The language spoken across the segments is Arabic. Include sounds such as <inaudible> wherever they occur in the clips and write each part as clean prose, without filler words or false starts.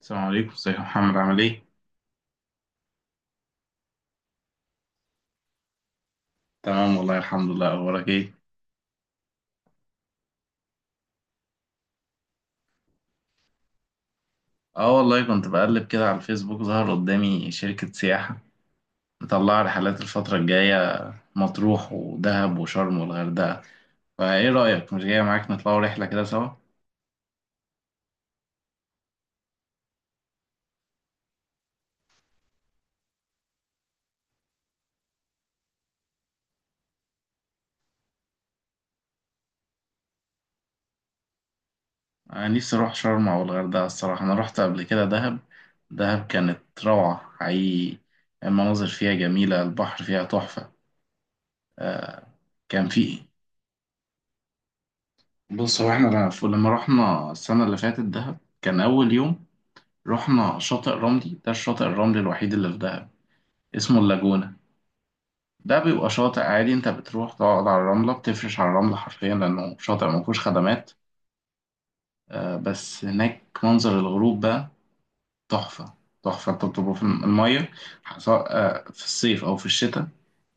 السلام عليكم، ازيك يا محمد؟ عامل ايه؟ تمام والله، الحمد لله. اخبارك ايه؟ اه والله، كنت بقلب كده على الفيسبوك، ظهر قدامي شركة سياحة مطلعة رحلات الفترة الجاية. مطروح ودهب وشرم والغردقة. فايه رأيك مش جاية معاك نطلعوا رحلة كده سوا؟ انا نفسي اروح شرم او الغردقة الصراحة. انا رحت قبل كده دهب. دهب كانت روعة حقيقي. المناظر فيها جميلة، البحر فيها تحفة. كان في. بص، هو احنا لما رحنا السنة اللي فاتت دهب، كان أول يوم رحنا شاطئ رملي. ده الشاطئ الرملي الوحيد اللي في دهب، اسمه اللاجونة. ده بيبقى شاطئ عادي، انت بتروح تقعد على الرملة، بتفرش على الرملة حرفيا لأنه شاطئ ما فيهوش خدمات. بس هناك منظر الغروب بقى تحفة. تحفة. انت بتبقى في المية، سواء في الصيف أو في الشتاء،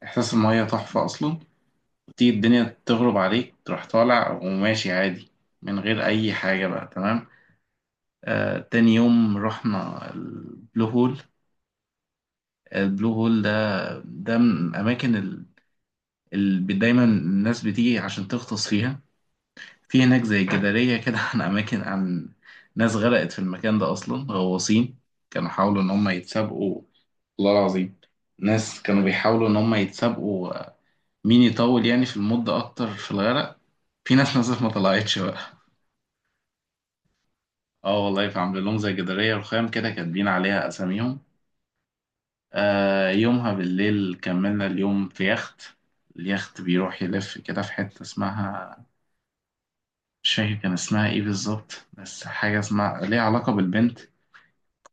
إحساس المية تحفة أصلا. تيجي الدنيا تغرب عليك، تروح طالع وماشي عادي من غير أي حاجة بقى. تمام. تاني يوم رحنا البلو هول. البلو هول ده، ده من الأماكن ال- اللي دايما الناس بتيجي عشان تغطس فيها. في هناك زي جدارية كده <laughs> عن أماكن، عن ناس غرقت في المكان ده، أصلا غواصين كانوا حاولوا إن هم يتسابقوا. والله العظيم، ناس كانوا بيحاولوا إن هم يتسابقوا مين يطول يعني في المدة أكتر في الغرق. في ناس نزلت ما طلعتش بقى. اه والله، فعاملين لهم زي جدارية رخام كده كاتبين عليها أساميهم. آه، يومها بالليل كملنا اليوم في يخت. اليخت بيروح يلف كده في حتة اسمها، مش فاكر كان اسمها ايه بالظبط، بس حاجة اسمها ليها علاقة بالبنت.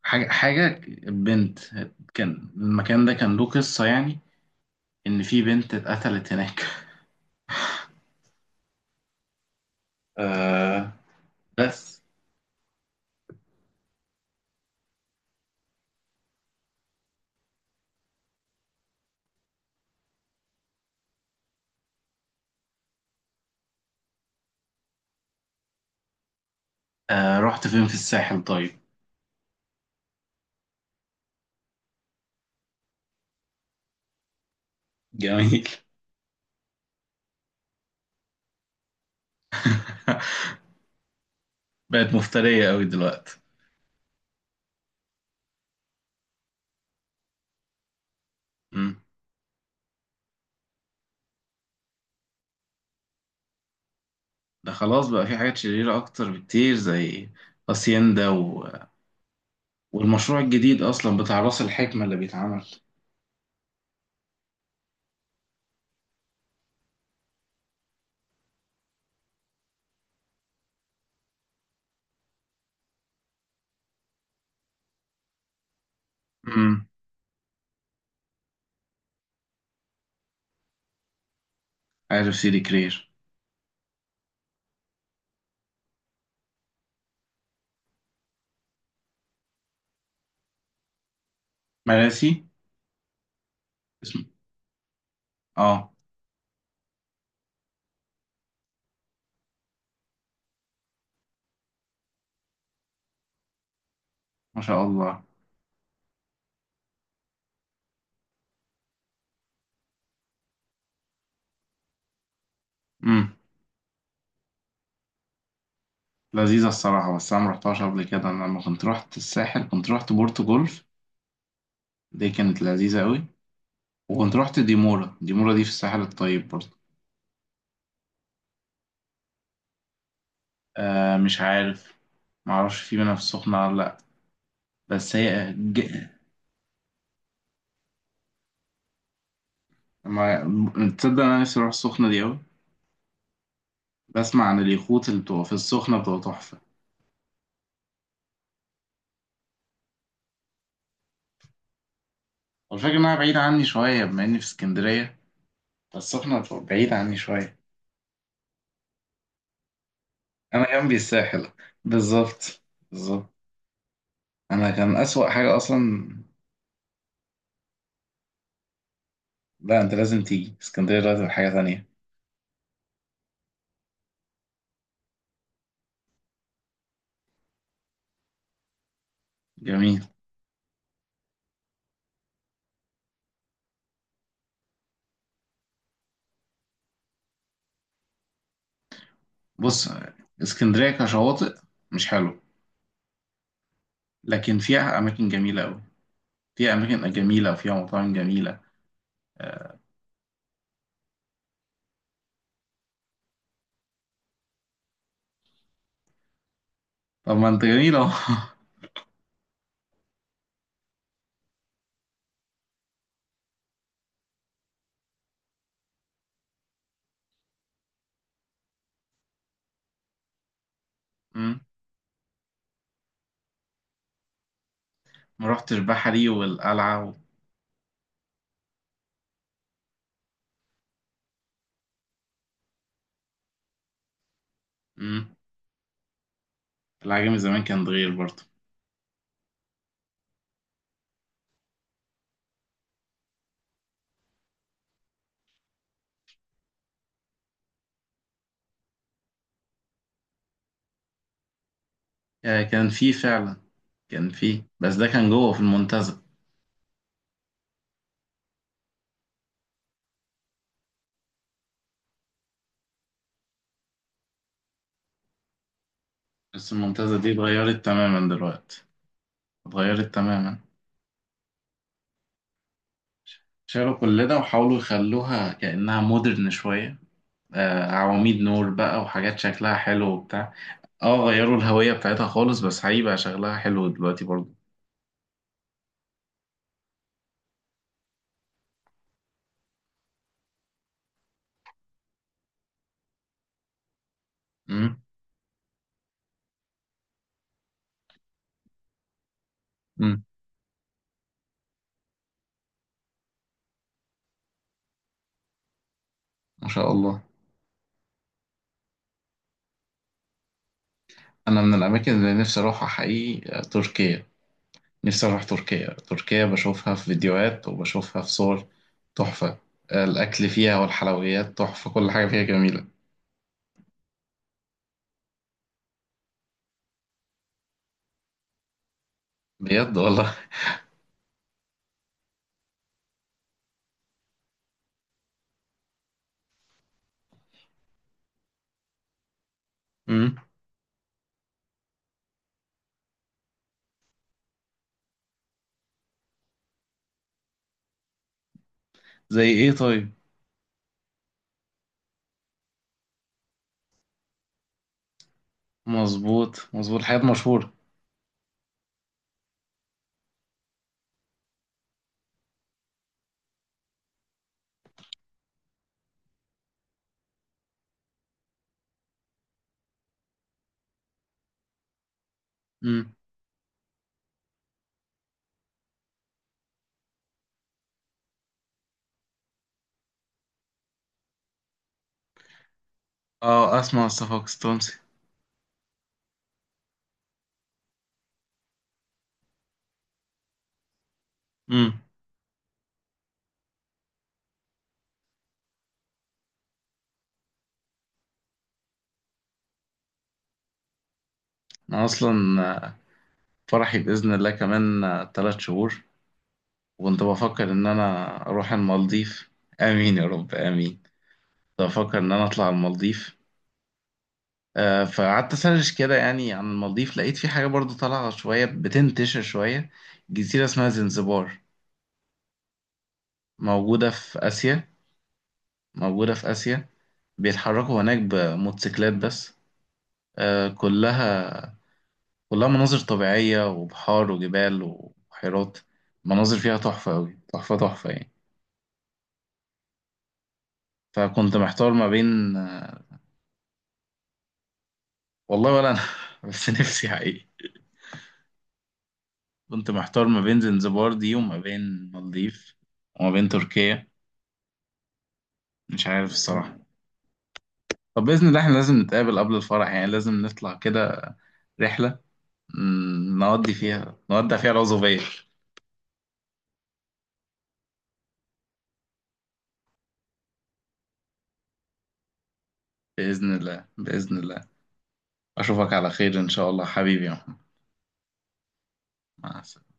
حاجة بنت. كان، المكان ده كان له قصة يعني، إن في بنت اتقتلت هناك. <laughs> آه. بس. آه رحت فين في الساحل طيب؟ جميل. <laughs> بقت مفترية قوي دلوقتي. مم. ده خلاص بقى في حاجات شريرة أكتر بكتير، زي هاسيندا والمشروع الجديد أصلا بتاع راس الحكمة اللي بيتعمل. امم. عارف سيدي كرير. مراسي. اسمه. اه. ما شاء الله. امم. لذيذة الصراحة. بس أنا مرحتهاش قبل كده. أنا لما كنت رحت الساحل كنت رحت بورتو جولف. دي كانت لذيذة أوي. وكنت رحت ديمورا. ديمورا دي في الساحل الطيب برضه. آه مش عارف، معرفش في منها في السخنة ولا لأ. بس هي ج... ما... تصدق أنا نفسي أروح السخنة دي أوي. بسمع عن اليخوت اللي بتبقى في السخنة بتبقى تحفة. والفكرة إنها بعيدة عني شوية، بما إني في اسكندرية، السخنة بعيد عني شوية. أنا جنبي الساحل. بالظبط. بالظبط. أنا كان أسوأ حاجة أصلا. لا، أنت لازم تيجي اسكندرية دلوقتي، بقت حاجة تانية. جميل. بص، اسكندرية كشواطئ مش حلو، لكن فيها أماكن جميلة أوي. فيها أماكن جميلة وفيها مطاعم جميلة. آه. طب ما أنت جميل أهو. <laughs> أمم. ما رحتش بحري والقلعة و... أمم. العجمي زمان كان صغير برضه. آه، كان فيه فعلا. كان فيه، بس ده كان جوه في المنتزه. بس الممتازة دي اتغيرت تماما دلوقتي. اتغيرت تماما. شالوا كل ده وحاولوا يخلوها كأنها مودرن شوية. آه، عواميد نور بقى وحاجات شكلها حلو وبتاع. اه، غيروا الهوية بتاعتها خالص، بس هيبقى شغلها حلو دلوقتي برضه. امم. امم. ما شاء الله. أنا من الأماكن اللي نفسي أروحها حقيقي تركيا. نفسي أروح تركيا. تركيا بشوفها في فيديوهات وبشوفها في صور تحفة. الأكل فيها والحلويات تحفة. كل حاجة فيها جميلة. بجد والله. امم. زي إيه طيب؟ مظبوط مظبوط، حاجات مشهورة. امم. اه اسمع مصطفى قسطنطي. امم. انا اصلا، آه، فرحي باذن الله كمان 3 شهور، وكنت بفكر ان انا اروح المالديف. امين يا رب، امين. كنت بفكر ان انا اطلع المالديف. آه، فقعدت اسرش كده يعني عن المالديف، لقيت في حاجة برضو طالعة شوية بتنتشر شوية. جزيرة اسمها زنزبار، موجودة في آسيا. موجودة في آسيا. بيتحركوا هناك بموتوسيكلات بس. آه، كلها، كلها مناظر طبيعية وبحار وجبال وبحيرات. مناظر فيها تحفة أوي، تحفة تحفة يعني. فكنت محتار ما بين. والله ولا أنا. <laughs> بس نفسي حقيقي. كنت محتار ما بين زنزبار دي وما بين المالديف وما بين تركيا. مش عارف الصراحة. طب بإذن الله احنا لازم نتقابل قبل الفرح، يعني لازم نطلع كده رحلة، نودي فيها، نودع فيها العزوبية. بإذن الله، بإذن الله. أشوفك على خير إن شاء الله حبيبي يا محمد. مع السلامة.